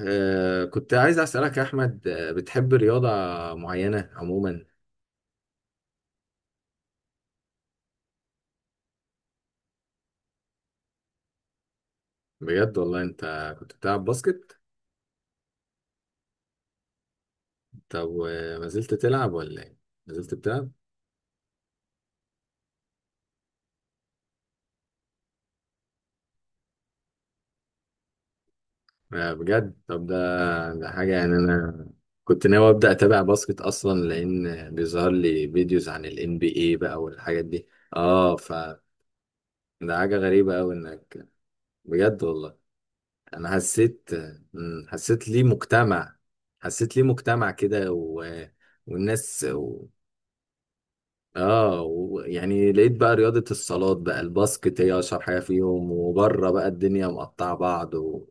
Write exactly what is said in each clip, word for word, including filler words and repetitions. آه كنت عايز أسألك يا أحمد، آه، بتحب رياضة معينة عموما؟ بجد والله أنت كنت بتلعب باسكت. طب وما زلت تلعب ولا إيه؟ ما زلت بتلعب؟ آه بجد. طب، ده ده حاجة يعني. أنا كنت ناوي أبدأ أتابع باسكت أصلا، لأن بيظهر لي فيديوز عن ال N B A بقى والحاجات دي. آه ف ده حاجة غريبة أوي إنك، بجد والله. أنا حسيت، مم، حسيت ليه مجتمع، حسيت ليه مجتمع كده، و والناس. اه، يعني لقيت بقى رياضة الصالات بقى الباسكت هي اشهر حاجة فيهم، وبره بقى الدنيا مقطعة بعض و...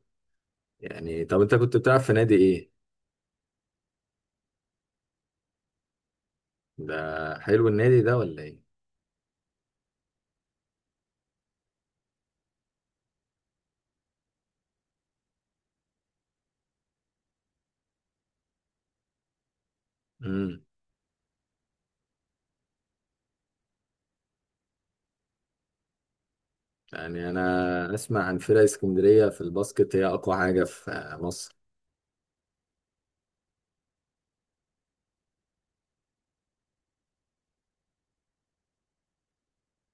يعني طب انت كنت بتلعب في نادي ايه؟ ده حلو النادي ده ولا ايه؟ امم. يعني انا اسمع عن فرق اسكندرية في الباسكت هي اقوى حاجة في مصر.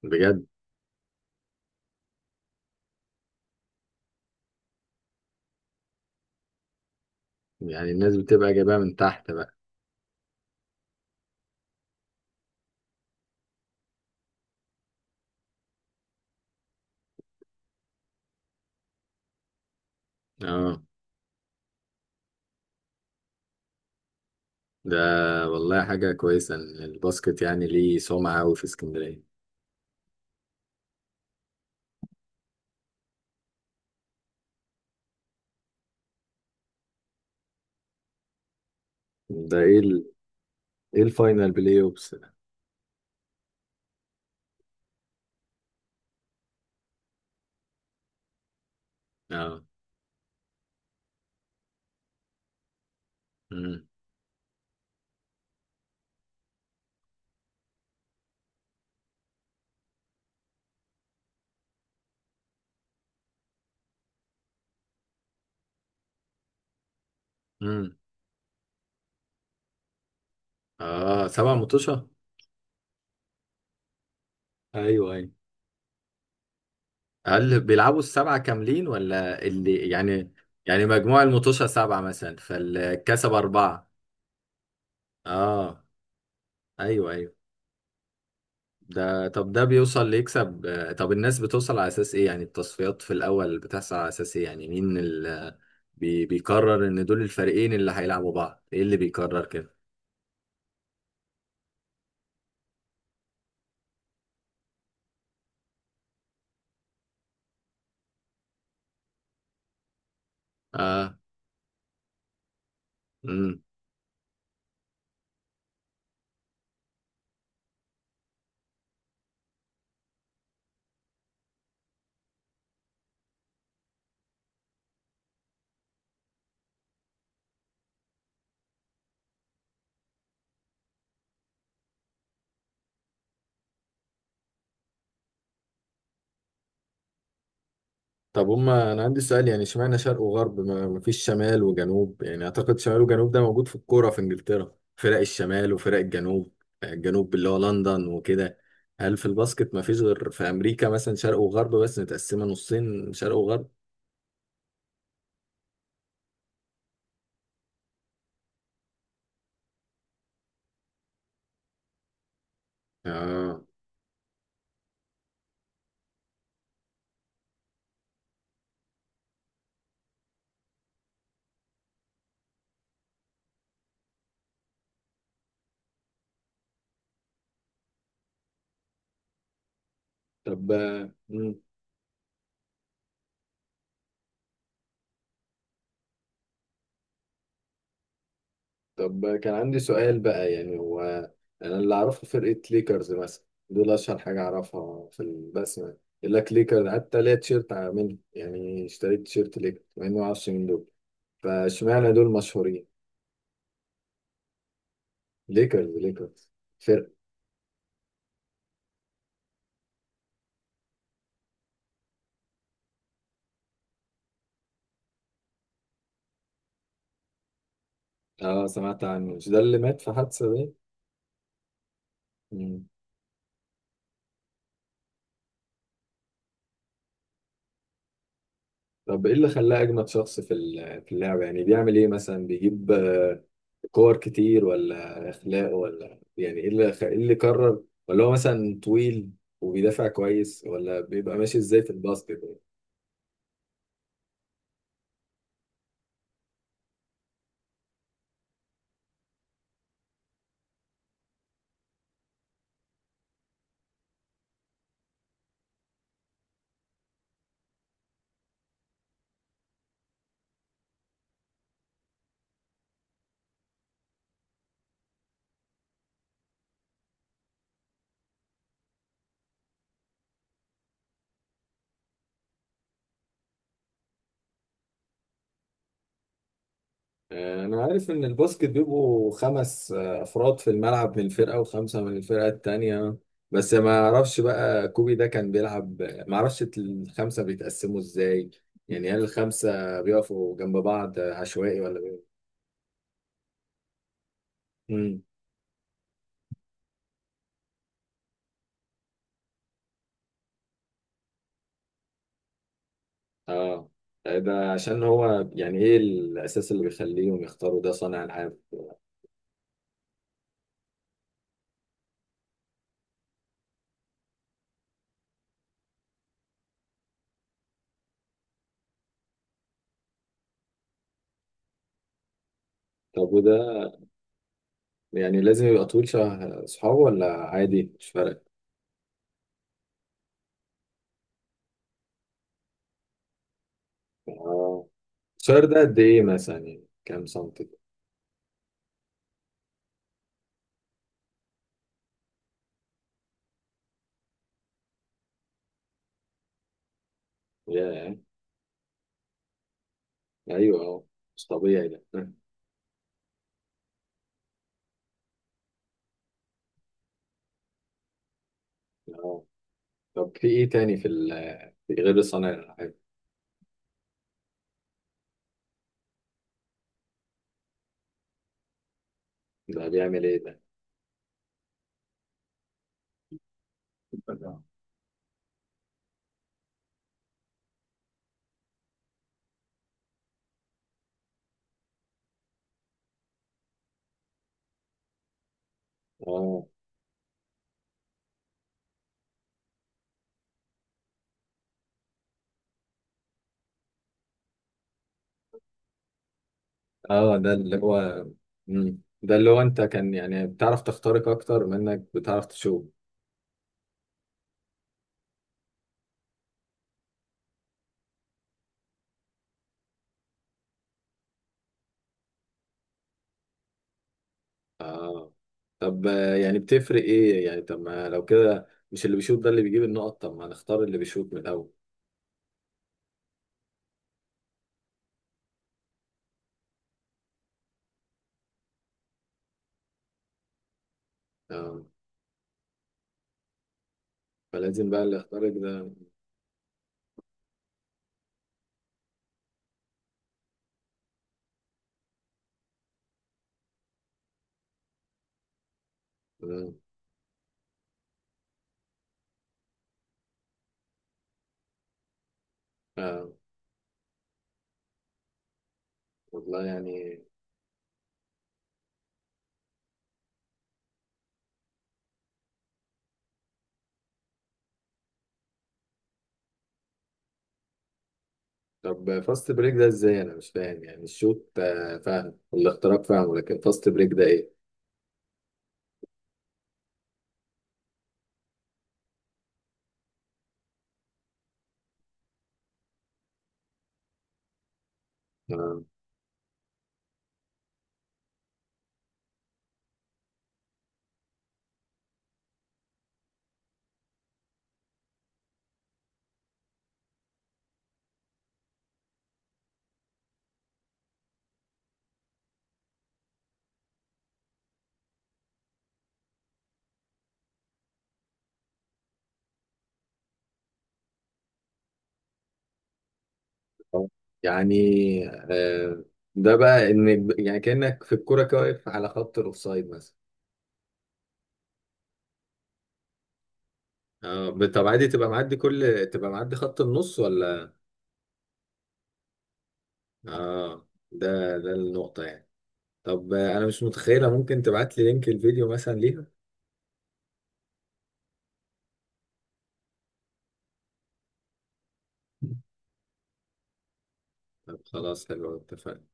بجد. يعني الناس بتبقى جايبها من تحت بقى. اه. ده والله حاجة كويسة ان الباسكت يعني ليه سمعة أوي في اسكندرية. ده ايه ال... ايه الفاينل بلاي اوبس ده؟ اه. امم. اه، سبعة مطوشة. ايوه، ايوه. هل بيلعبوا السبعة كاملين ولا اللي يعني؟ يعني مجموع المطوشة سبعة مثلا فالكسب أربعة. اه، ايوه ايوه. ده طب ده بيوصل ليكسب. آه، طب الناس بتوصل على أساس ايه؟ يعني التصفيات في الأول بتحصل على أساس ايه؟ يعني مين اللي بيقرر ان دول الفريقين اللي هيلعبوا بعض؟ ايه اللي بيقرر كده؟ اه. طب هما، انا عندي سؤال، يعني اشمعنى شرق وغرب، ما ما فيش شمال وجنوب؟ يعني اعتقد شمال وجنوب ده موجود في الكوره في انجلترا، فرق الشمال وفرق الجنوب، يعني الجنوب اللي هو لندن وكده. هل في الباسكت ما فيش غير في امريكا مثلا شرق وغرب بس، متقسمه نصين شرق وغرب؟ اه. طب. مم. طب كان عندي سؤال بقى، يعني هو، انا اللي اعرفه فرقه ليكرز مثلا، دول اشهر حاجه اعرفها في البسمه. يقول لك ليكرز، حتى ليا تيشيرت منه، يعني اشتريت تيشيرت ليكرز مع اني ما اعرفش مين دول. فاشمعنى دول مشهورين؟ ليكرز، ليكرز، فرق. اه، سمعت عنه، مش ده اللي مات في حادثة دي؟ مم. طب ايه اللي خلاه اجمد شخص في ال- في اللعبة؟ يعني بيعمل ايه مثلا؟ بيجيب آه، كور كتير، ولا اخلاق، ولا يعني ايه اللي خ... إيه اللي قرر؟ ولا هو مثلا طويل وبيدافع كويس، ولا بيبقى ماشي ازاي في الباسكت؟ آه، انا عارف ان الباسكت بيبقوا خمس آه، افراد في الملعب من الفرقه، وخمسه من الفرقه التانيه، بس ما اعرفش بقى كوبي ده كان بيلعب، ما اعرفش الخمسه بيتقسموا ازاي. يعني هل الخمسه بيقفوا جنب بعض عشوائي ولا بي...؟ امم. اه. آه، ده عشان هو، يعني ايه الاساس اللي بيخليهم يختاروا ده صانع العاب؟ طب وده، يعني لازم يبقى طويل شبه صحابه ولا عادي مش فارق؟ اه. الشهر ده قد ايه مثلا؟ يعني كام سنتي؟ ايوه، اه، مش طبيعي ده، اه. آه. طب في ايه تاني في ال في غير صانع الالعاب؟ ده بيعمل ايه ده؟ اه، اه. ده اللي هو، مم. ده اللي هو انت كان، يعني بتعرف تخترق اكتر منك، بتعرف تشوف. اه. طب آه، يعني بتفرق ايه؟ يعني طب ما لو كده، مش اللي بيشوط ده اللي بيجيب النقط؟ طب ما نختار اللي بيشوط من الاول. اه، فلازم بقى اللي يخترق ده. مم. اه، والله يعني. طب فاست بريك ده ازاي؟ انا مش فاهم. يعني الشوط آه، فاهم، والاختراق فاهم، لكن فاست بريك ده ايه؟ آه، آه. يعني آه، ده بقى ان يعني كأنك في الكوره كده واقف على خط الاوفسايد مثلا. اه. طب عادي تبقى معدي، كل تبقى معدي خط النص ولا؟ اه، ده ده النقطة يعني. طب آه، انا مش متخيلة، ممكن تبعت لي لينك الفيديو مثلا ليها؟ طب خلاص، حلو، اتفقنا.